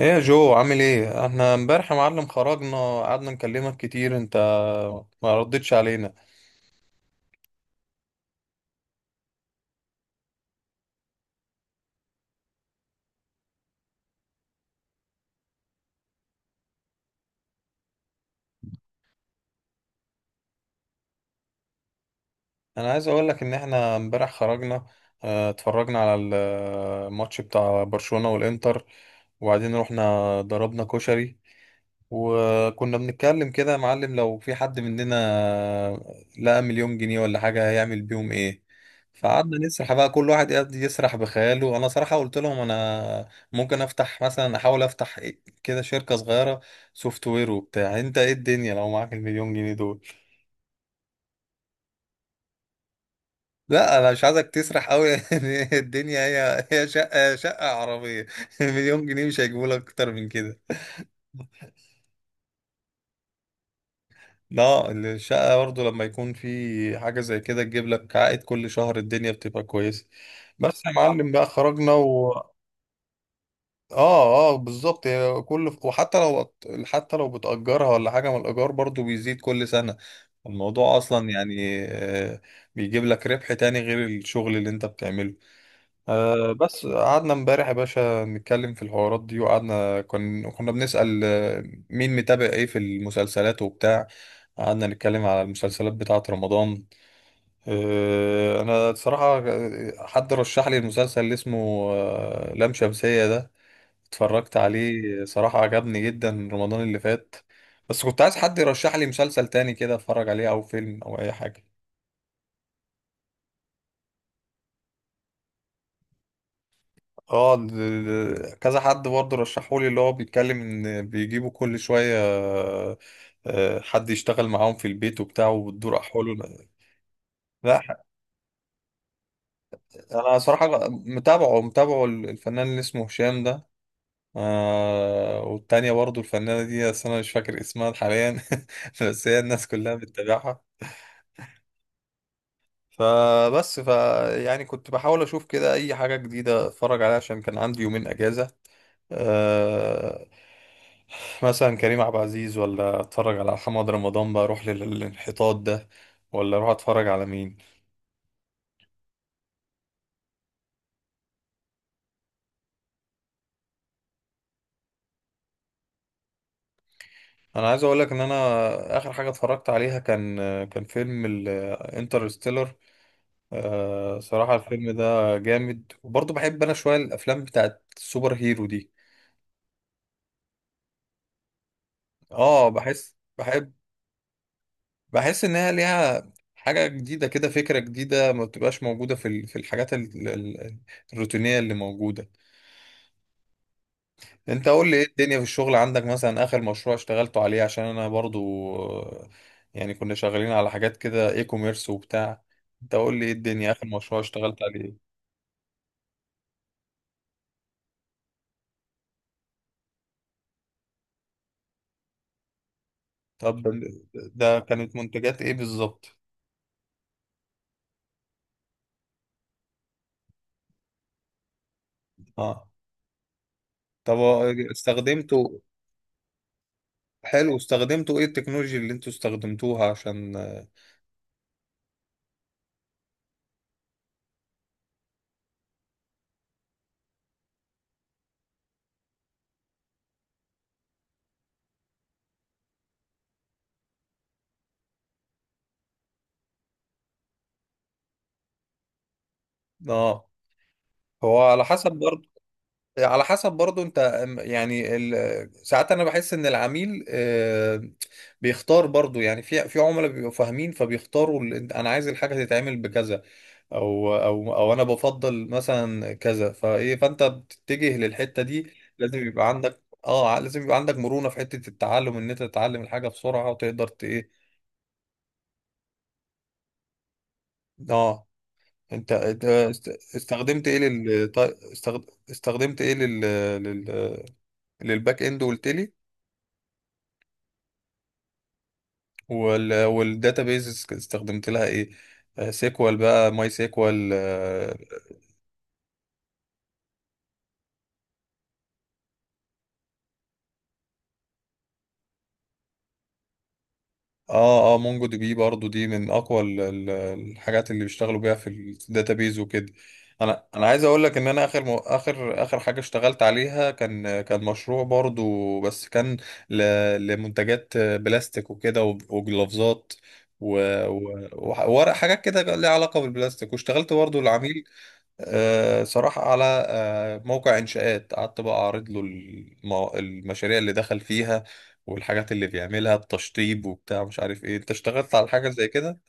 ايه يا جو؟ عامل ايه؟ احنا امبارح يا معلم خرجنا، قعدنا نكلمك كتير انت ما ردتش علينا. انا عايز اقول لك ان احنا امبارح خرجنا، اتفرجنا على الماتش بتاع برشلونة والانتر، وبعدين رحنا ضربنا كشري، وكنا بنتكلم كده يا معلم لو في حد مننا لقى مليون جنيه ولا حاجة هيعمل بيهم ايه. فقعدنا نسرح بقى، كل واحد قاعد يسرح بخياله. انا صراحة قلت لهم انا ممكن افتح مثلا، احاول افتح كده شركة صغيرة سوفت وير وبتاع. انت ايه الدنيا لو معاك المليون جنيه دول؟ لا انا مش عايزك تسرح قوي يعني الدنيا هي شقة، شقة عربية مليون جنيه مش هيجيبوا لك اكتر من كده. لا الشقة برضه لما يكون في حاجة زي كده تجيب لك عائد كل شهر الدنيا بتبقى كويسة. بس يا معلم بقى خرجنا و اه بالظبط، هي كل وحتى لو، حتى لو بتأجرها ولا حاجة من الإيجار برضه بيزيد كل سنة. الموضوع أصلا يعني بيجيب لك ربح تاني غير الشغل اللي أنت بتعمله. أه، بس قعدنا امبارح يا باشا نتكلم في الحوارات دي، وقعدنا كنا بنسأل مين متابع ايه في المسلسلات وبتاع. قعدنا نتكلم على المسلسلات بتاعة رمضان. أه، انا صراحة حد رشح لي المسلسل اللي اسمه لام شمسية ده، اتفرجت عليه صراحة عجبني جدا رمضان اللي فات. بس كنت عايز حد يرشح لي مسلسل تاني كده اتفرج عليه او فيلم او اي حاجة. اه كذا حد برضه رشحولي، اللي هو بيتكلم ان بيجيبوا كل شوية حد يشتغل معاهم في البيت وبتاع وبتدور احواله. لا ح- انا صراحة متابعه الفنان اللي اسمه هشام ده، آه، والتانية برضه الفنانة دي بس انا مش فاكر اسمها حاليا بس هي الناس كلها بتتابعها. فبس ف يعني كنت بحاول اشوف كده اي حاجه جديده اتفرج عليها عشان كان عندي 2 يومين اجازه. أه، مثلا كريم عبد العزيز، ولا اتفرج على محمد رمضان بقى اروح للانحطاط ده، ولا اروح اتفرج على مين؟ انا عايز اقول لك ان انا اخر حاجه اتفرجت عليها كان، كان فيلم الانترستيلر. أه صراحه الفيلم ده جامد، وبرضه بحب انا شويه الافلام بتاعت السوبر هيرو دي. اه بحس بحس ان هي ليها حاجه جديده كده، فكره جديده ما بتبقاش موجوده في في الحاجات الروتينيه اللي موجوده. انت قول لي ايه الدنيا في الشغل عندك؟ مثلا اخر مشروع اشتغلته عليه، عشان انا برضو آه، يعني كنا شغالين على حاجات كده اي كوميرس وبتاع. انت قول لي ايه الدنيا اخر مشروع اشتغلت عليه؟ طب ده، ده كانت منتجات ايه بالظبط؟ اه طب استخدمته، حلو، استخدمتوا ايه التكنولوجيا اللي انتوا استخدمتوها عشان؟ اه هو على حسب برضه، على حسب برضو انت يعني ساعات انا بحس ان العميل بيختار برضو. يعني في، في عملاء بيبقوا فاهمين فبيختاروا انا عايز الحاجه تتعمل بكذا، او او انا بفضل مثلا كذا، فايه فانت بتتجه للحته دي. لازم يبقى عندك لازم يبقى عندك مرونه في حته التعلم ان انت تتعلم الحاجه بسرعه وتقدر ايه. اه انت انت است- استخدمت ايه لل طي- استخد- استخدمت ايه لل، لل- للباك اند قلت لي؟ والداتابيز استخدمت لها ايه؟ آه، سيكوال بقى، ماي سيكوال، اه اه. آه، مونجو دي بي برضو دي من اقوى الحاجات اللي بيشتغلوا بيها في الداتابيز وكده. انا عايز اقول لك ان انا اخر م... اخر اخر حاجه اشتغلت عليها كان، كان مشروع برضو بس كان ل... لمنتجات بلاستيك وكده وجلافزات و... و... وورق، حاجات كده ليها علاقه بالبلاستيك. واشتغلت برضو آه، العميل صراحة على موقع إنشاءات، قعدت بقى أعرض له المشاريع اللي دخل فيها والحاجات اللي بيعملها، التشطيب وبتاع مش عارف إيه. أنت اشتغلت على حاجة زي كده؟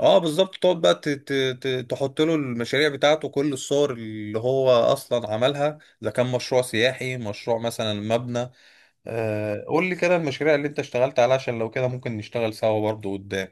أه بالظبط، تقعد بقى تحط له المشاريع بتاعته، كل الصور اللي هو أصلا عملها، إذا كان مشروع سياحي، مشروع مثلا مبنى. قول لي كده المشاريع اللي أنت اشتغلت عليها، عشان لو كده ممكن نشتغل سوا برضه قدام.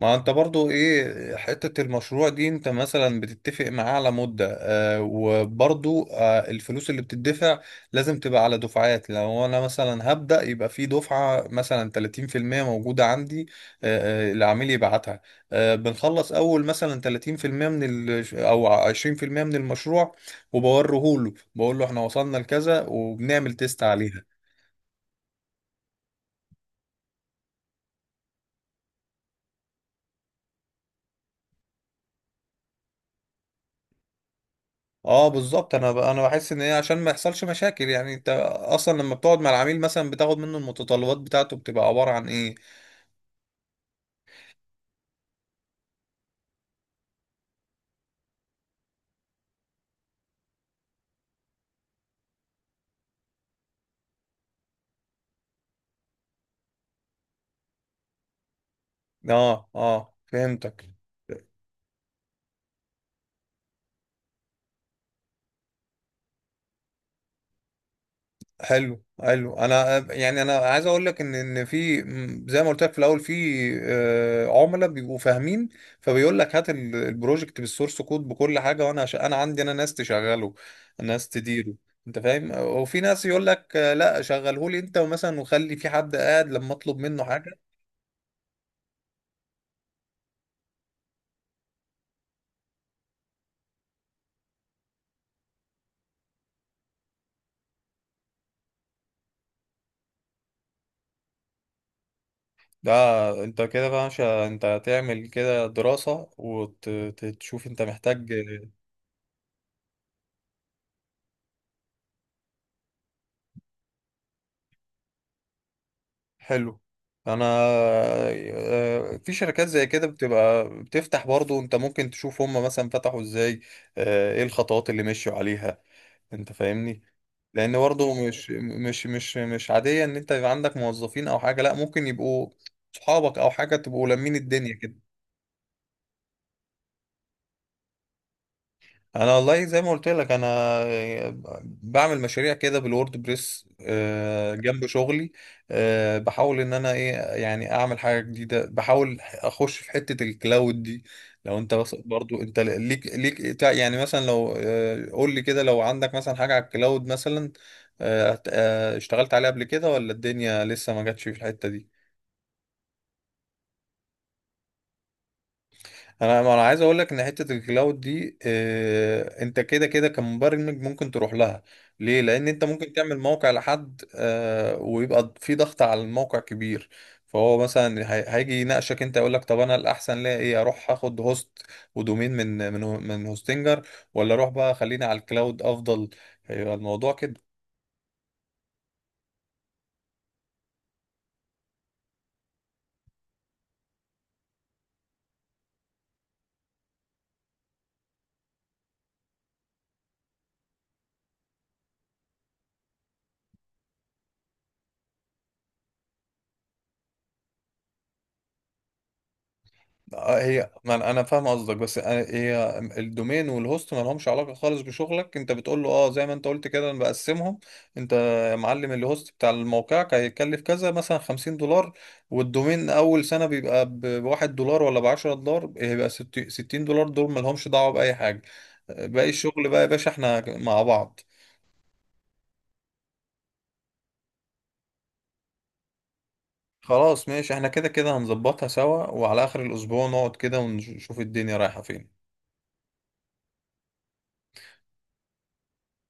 ما انت برضو ايه حتة المشروع دي؟ انت مثلا بتتفق معاه على مدة، آه، وبرضو آه الفلوس اللي بتدفع لازم تبقى على دفعات. لو انا مثلا هبدأ يبقى في دفعة مثلا 30% موجودة عندي، العميل يبعتها. آه بنخلص اول مثلا 30% من ال او 20% من المشروع، وبوريه له، بقول له احنا وصلنا لكذا، وبنعمل تيست عليها. اه بالظبط. انا انا بحس ان هي عشان ما يحصلش مشاكل. يعني انت اصلا لما بتقعد مع العميل مثلا بتاخد منه المتطلبات بتاعته بتبقى عبارة عن ايه؟ اه فهمتك. حلو، انا يعني انا عايز اقول لك ان في م، زي ما قلت لك في الاول، في عملاء بيبقوا فاهمين، فبيقول لك هات البروجكت بالسورس كود بكل حاجه، وانا انا عندي انا ناس تشغله، ناس تديره، انت فاهم. وفي ناس يقول لك آه، لا شغله لي انت، ومثلا وخلي في حد قاعد لما اطلب منه. ده انت كده بقى مش انت هتعمل كده دراسة وتشوف انت محتاج. حلو، انا آه، في شركات زي كده بتبقى بتفتح برضو، انت ممكن تشوف هم مثلا فتحوا ازاي، ايه الخطوات اللي مشوا عليها. انت فاهمني؟ لان برضو مش عادية ان انت يبقى عندك موظفين او حاجة، لا، ممكن يبقوا صحابك او حاجة، تبقوا لمين؟ الدنيا كده. انا والله زي ما قلت لك انا بعمل مشاريع كده بالوورد بريس جنب شغلي. بحاول ان انا ايه، يعني اعمل حاجه جديده، بحاول اخش في حته الكلاود دي. لو انت بس برضو انت ليك يعني مثلا لو قول لي كده لو عندك مثلا حاجه على الكلاود مثلا، اشتغلت عليها قبل كده، ولا الدنيا لسه ما جاتش في الحته دي؟ انا ما انا عايز اقول لك ان حته الكلاود دي آه، انت كده كده كمبرمج ممكن تروح لها. ليه؟ لان انت ممكن تعمل موقع لحد آه، ويبقى في ضغط على الموقع كبير. فهو مثلا هيجي يناقشك انت، يقول لك طب انا الاحسن ليا ايه، اروح اخد هوست ودومين من هوستنجر، ولا اروح بقى خليني على الكلاود افضل؟ هيبقى الموضوع كده. آه، هي ما انا أنا فاهم قصدك بس هي الدومين والهوست ما لهمش علاقه خالص بشغلك، انت بتقول له اه زي ما انت قلت كده انا بقسمهم. انت يا معلم الهوست بتاع موقعك هيكلف كذا مثلا 50 دولار، والدومين اول سنه بيبقى بواحد دولار ولا ب 10 دولار، هيبقى 60 دولار، دول ما لهمش دعوه باي حاجه، باقي الشغل بقى يا باشا احنا مع بعض. خلاص ماشي، احنا كده كده هنظبطها سوا، وعلى اخر الاسبوع نقعد كده ونشوف الدنيا رايحه فين.